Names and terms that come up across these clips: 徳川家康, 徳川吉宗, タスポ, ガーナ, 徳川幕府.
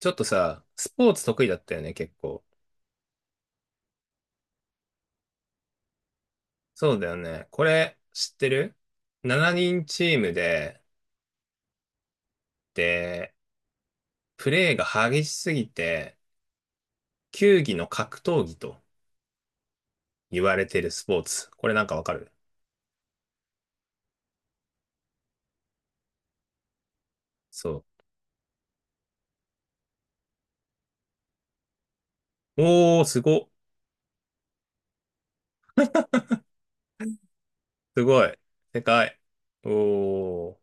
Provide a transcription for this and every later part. ちょっとさ、スポーツ得意だったよね、結構。そうだよね。これ、知ってる？ 7 人チームで、で、プレーが激しすぎて、球技の格闘技と言われてるスポーツ。これなんかわかる？そう。おー、すご、すごい。世界。おー。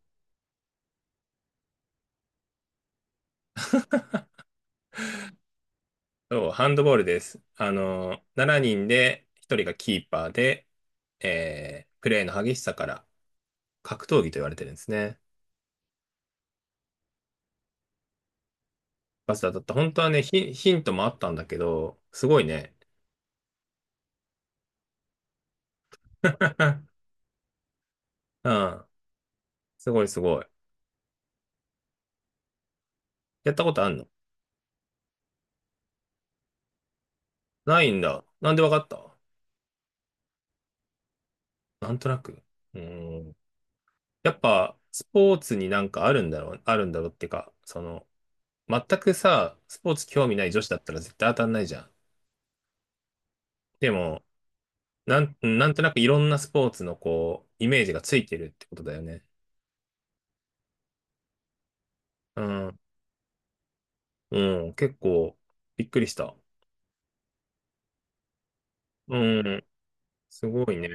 そう、ハンドボールです。あの、7人で、1人がキーパーで、プレーの激しさから格闘技と言われてるんですね。パスだった。本当はね、ヒントもあったんだけど、すごいね。うん。すごいすごい。やったことあんの？ないんだ。なんでわかった？なんとなく。うん。やっぱ、スポーツになんかあるんだろう、あるんだろうっていうか、その、全くさ、スポーツ興味ない女子だったら絶対当たんないじゃん。でも、なんとなくいろんなスポーツのこう、イメージがついてるってことだよね。うん。うん。結構、びっくりした。うん。すごいね。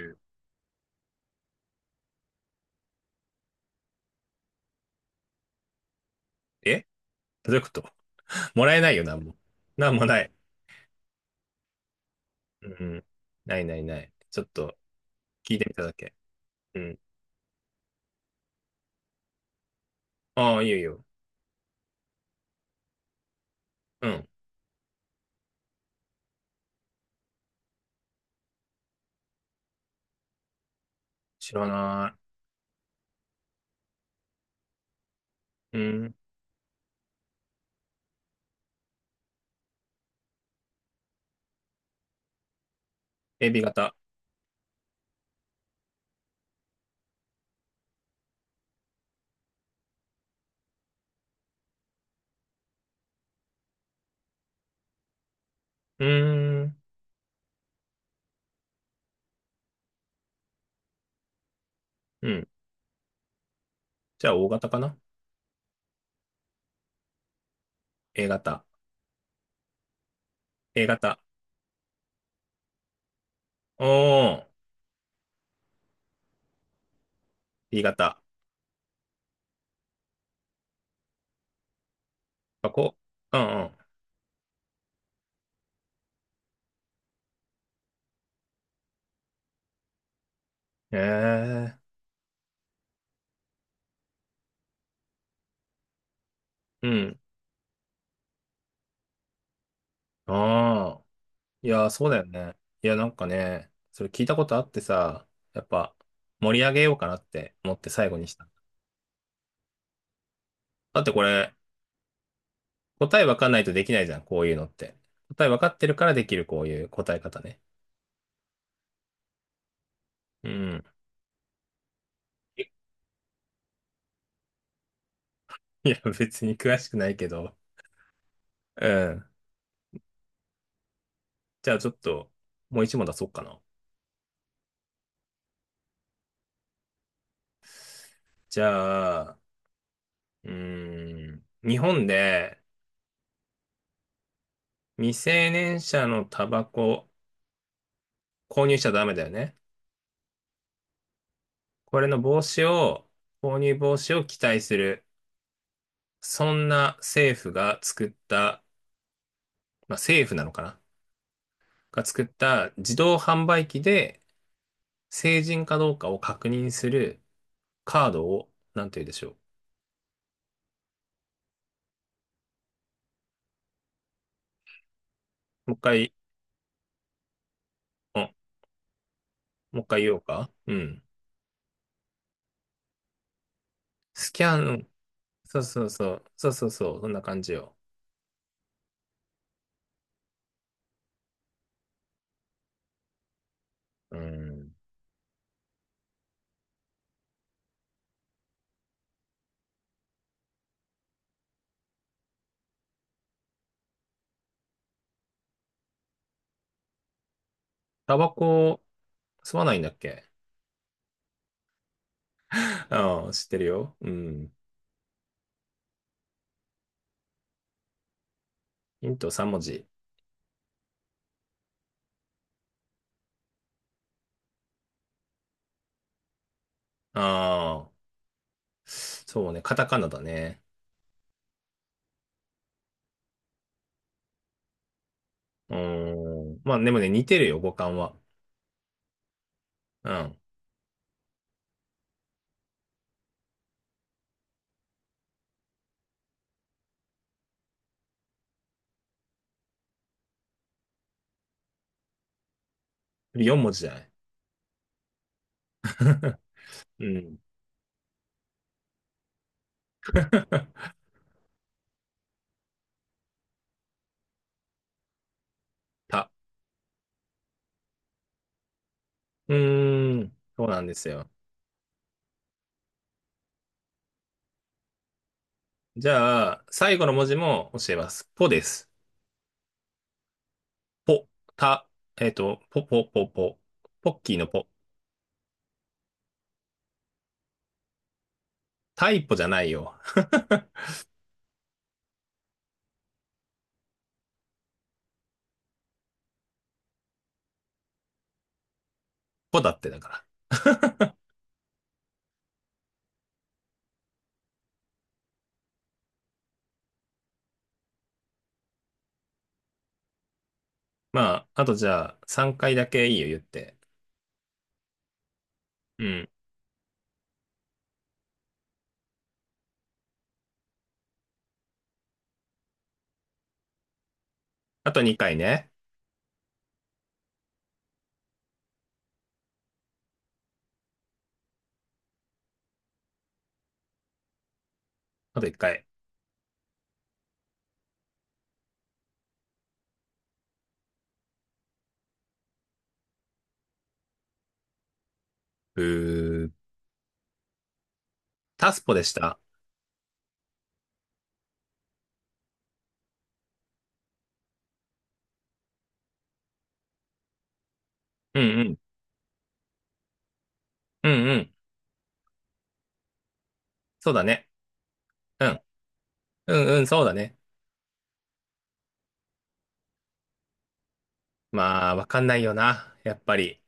え、どういうこと？ もらえないよ、なんも。なんもない。うん。ないないない。ちょっと聞いてみただけ。うん。ああ、いいよいいよ。うん。知らない。うん。AB 型。うーん。うん。じゃあ、O 型かな？ A 型。A 型。おー。B 型。あ、こう。うんうん。ええー。うん。ああ。いやー、そうだよね。いや、なんかね、それ聞いたことあってさ、やっぱ、盛り上げようかなって思って最後にした。だってこれ、答えわかんないとできないじゃん、こういうのって。答えわかってるからできる、こういう答え方ね。うん。いや、別に詳しくないけど。うん。じゃあちょっと、もう一問出そうかな。じゃあ、うーん。日本で未成年者のタバコ購入しちゃダメだよね。これの防止を、購入防止を期待する。そんな政府が作った、まあ政府なのかなが作った自動販売機で成人かどうかを確認するカードを、なんて言うでしょう。もう一回、うん、もう一回言おうか。うん。スキャン、うん、そうそうそう、そうそうそう、そんな感じよ。うん。タバコ吸わないんだっけ？ ああ知ってるよ。うん。ヒント3文字。ああ、そうね、カタカナだね。うん。まあでもね、似てるよ、語感は。うん。4文字じゃない。うん。た。うーん。そうなんですよ。じゃあ、最後の文字も教えます。ポです。ポ、た、ポポポポ。ポッキーのポ。タイポじゃないよ。ポだってだから。まあ、あとじゃあ、3回だけいいよ、言って。うん。あと2回ね。あと1回。うー、タスポでした。うんうん。うんうん。そうだね。うん。うんうん、そうだね。まあ、わかんないよな。やっぱり。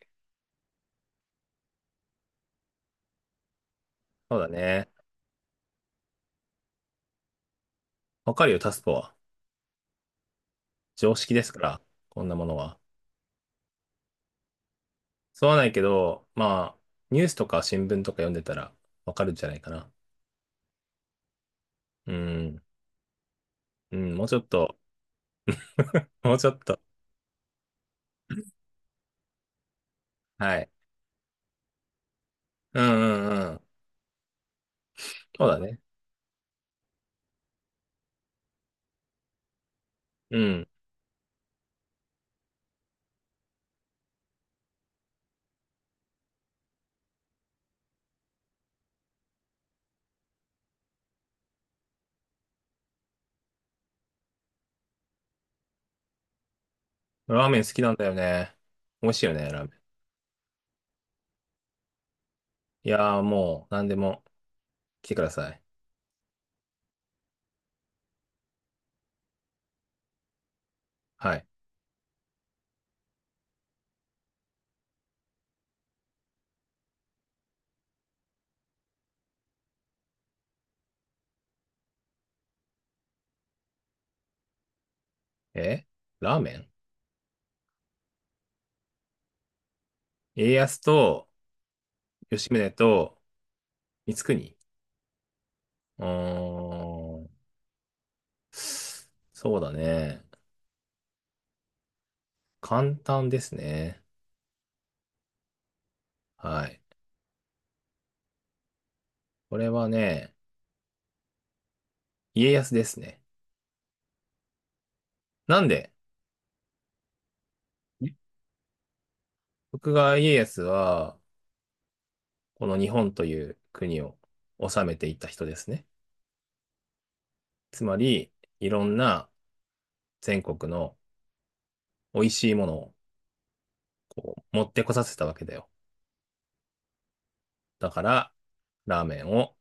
そうだね。わかるよ、タスポは。常識ですから。こんなものは。そうはないけど、まあ、ニュースとか新聞とか読んでたらわかるんじゃないかな。うん。うん、もうちょっと、もうちょっと。はい。うんうんうん。そうだね。うん。ラーメン好きなんだよね。美味しいよね、ラーメン。いやーもう、何でも来てください。はい。え、ラーメン、家康と、吉宗と、光国。うーん。そうだね。簡単ですね。はい。これはね、家康ですね。なんで？徳川家康は、この日本という国を治めていった人ですね。つまり、いろんな全国の美味しいものをこう持ってこさせたわけだよ。だから、ラーメンを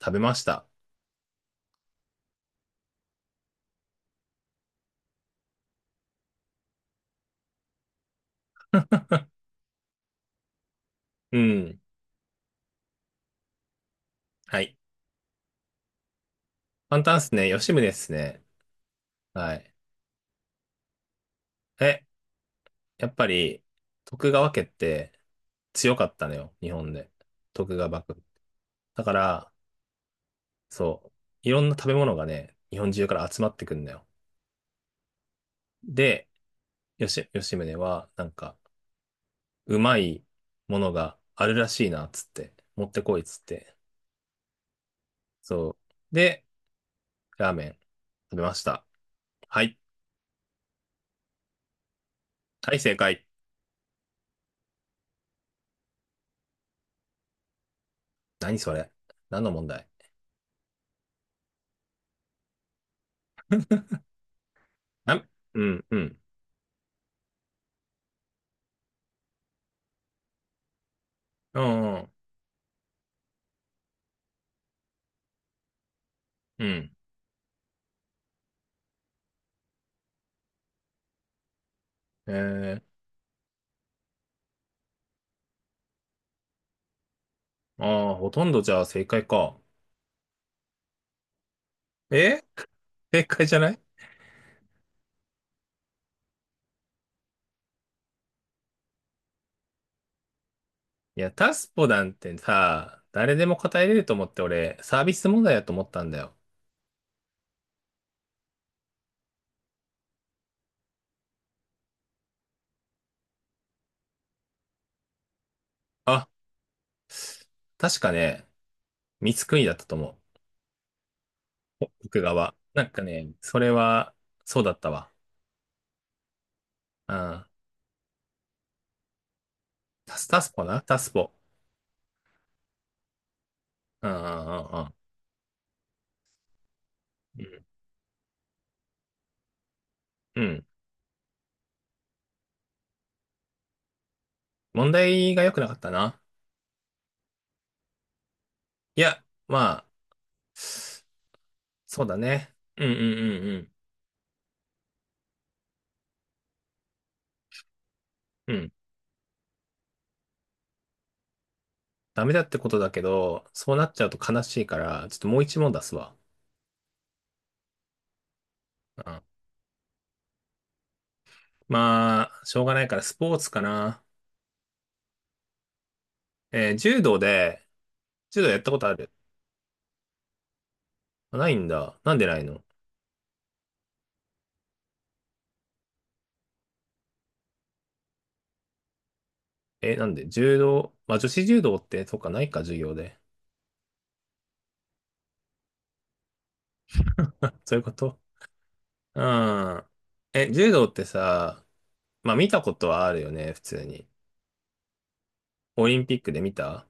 食べました。うん。はい。簡単ですね。吉宗ですね。はい。え、やっぱり、徳川家って強かったのよ。日本で。徳川幕府。だから、そう。いろんな食べ物がね、日本中から集まってくんだよ。で、吉宗は、なんか、うまいものがあるらしいな、つって、持ってこい、つって。そう。で、ラーメン食べました。はい。はい、正解。何それ？何の問題？な、うん、うん。うん、うん。うん、えー、ああ、ほとんどじゃあ正解か。え、正解じゃない？いや、タスポなんてさ、誰でも答えれると思って俺、サービス問題だと思ったんだよ。あ、確かね、三つ国だったと思う。奥側。なんかね、それは、そうだったわ。うん。タスポなタスポ。うん、うん、うん。うん。うん、問題が良くなかったな。いや、まあ、そうだね。うんうんうんうん。うん。ダメだってことだけど、そうなっちゃうと悲しいから、ちょっともう一問出すわ。うん。まあ、しょうがないからスポーツかな。柔道で、柔道やったことある？あ、ないんだ。なんでないの？え、なんで柔道、まあ女子柔道って、そうか、ないか、授業で。あ、そういうこと？うん。え、柔道ってさ、まあ見たことはあるよね、普通に。オリンピックで見た？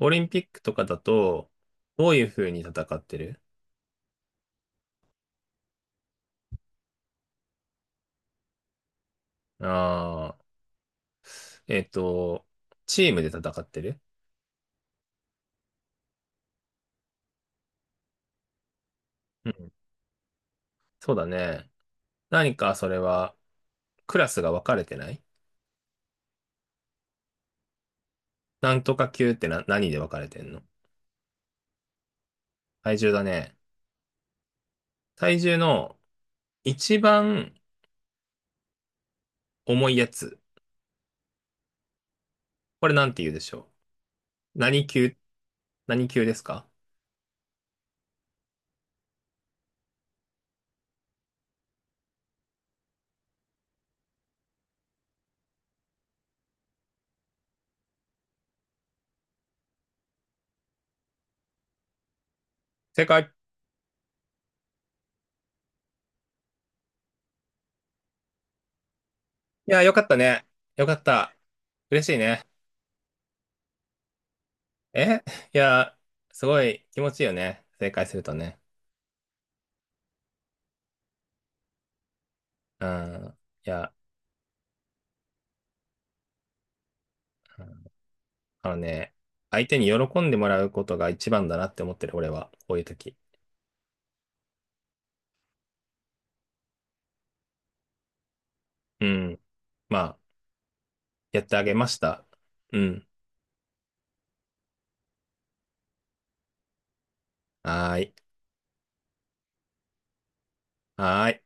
オリンピックとかだと、どういう風に戦ってる？ああー、えっと、チームで戦ってる？うん。そうだね。何かそれは、クラスが分かれてない？なんとか級ってな、何で分かれてんの？体重だね。体重の一番重いやつ。これなんて言うでしょう？何級、何級ですか？正解。いや、よかったね。よかった。嬉しいね。え、いや、すごい気持ちいいよね。正解するとね。うん。いや、うん、あのね、相手に喜んでもらうことが一番だなって思ってる、俺は。こういう時。うん。まあ、やってあげました。うん。はーい。はーい。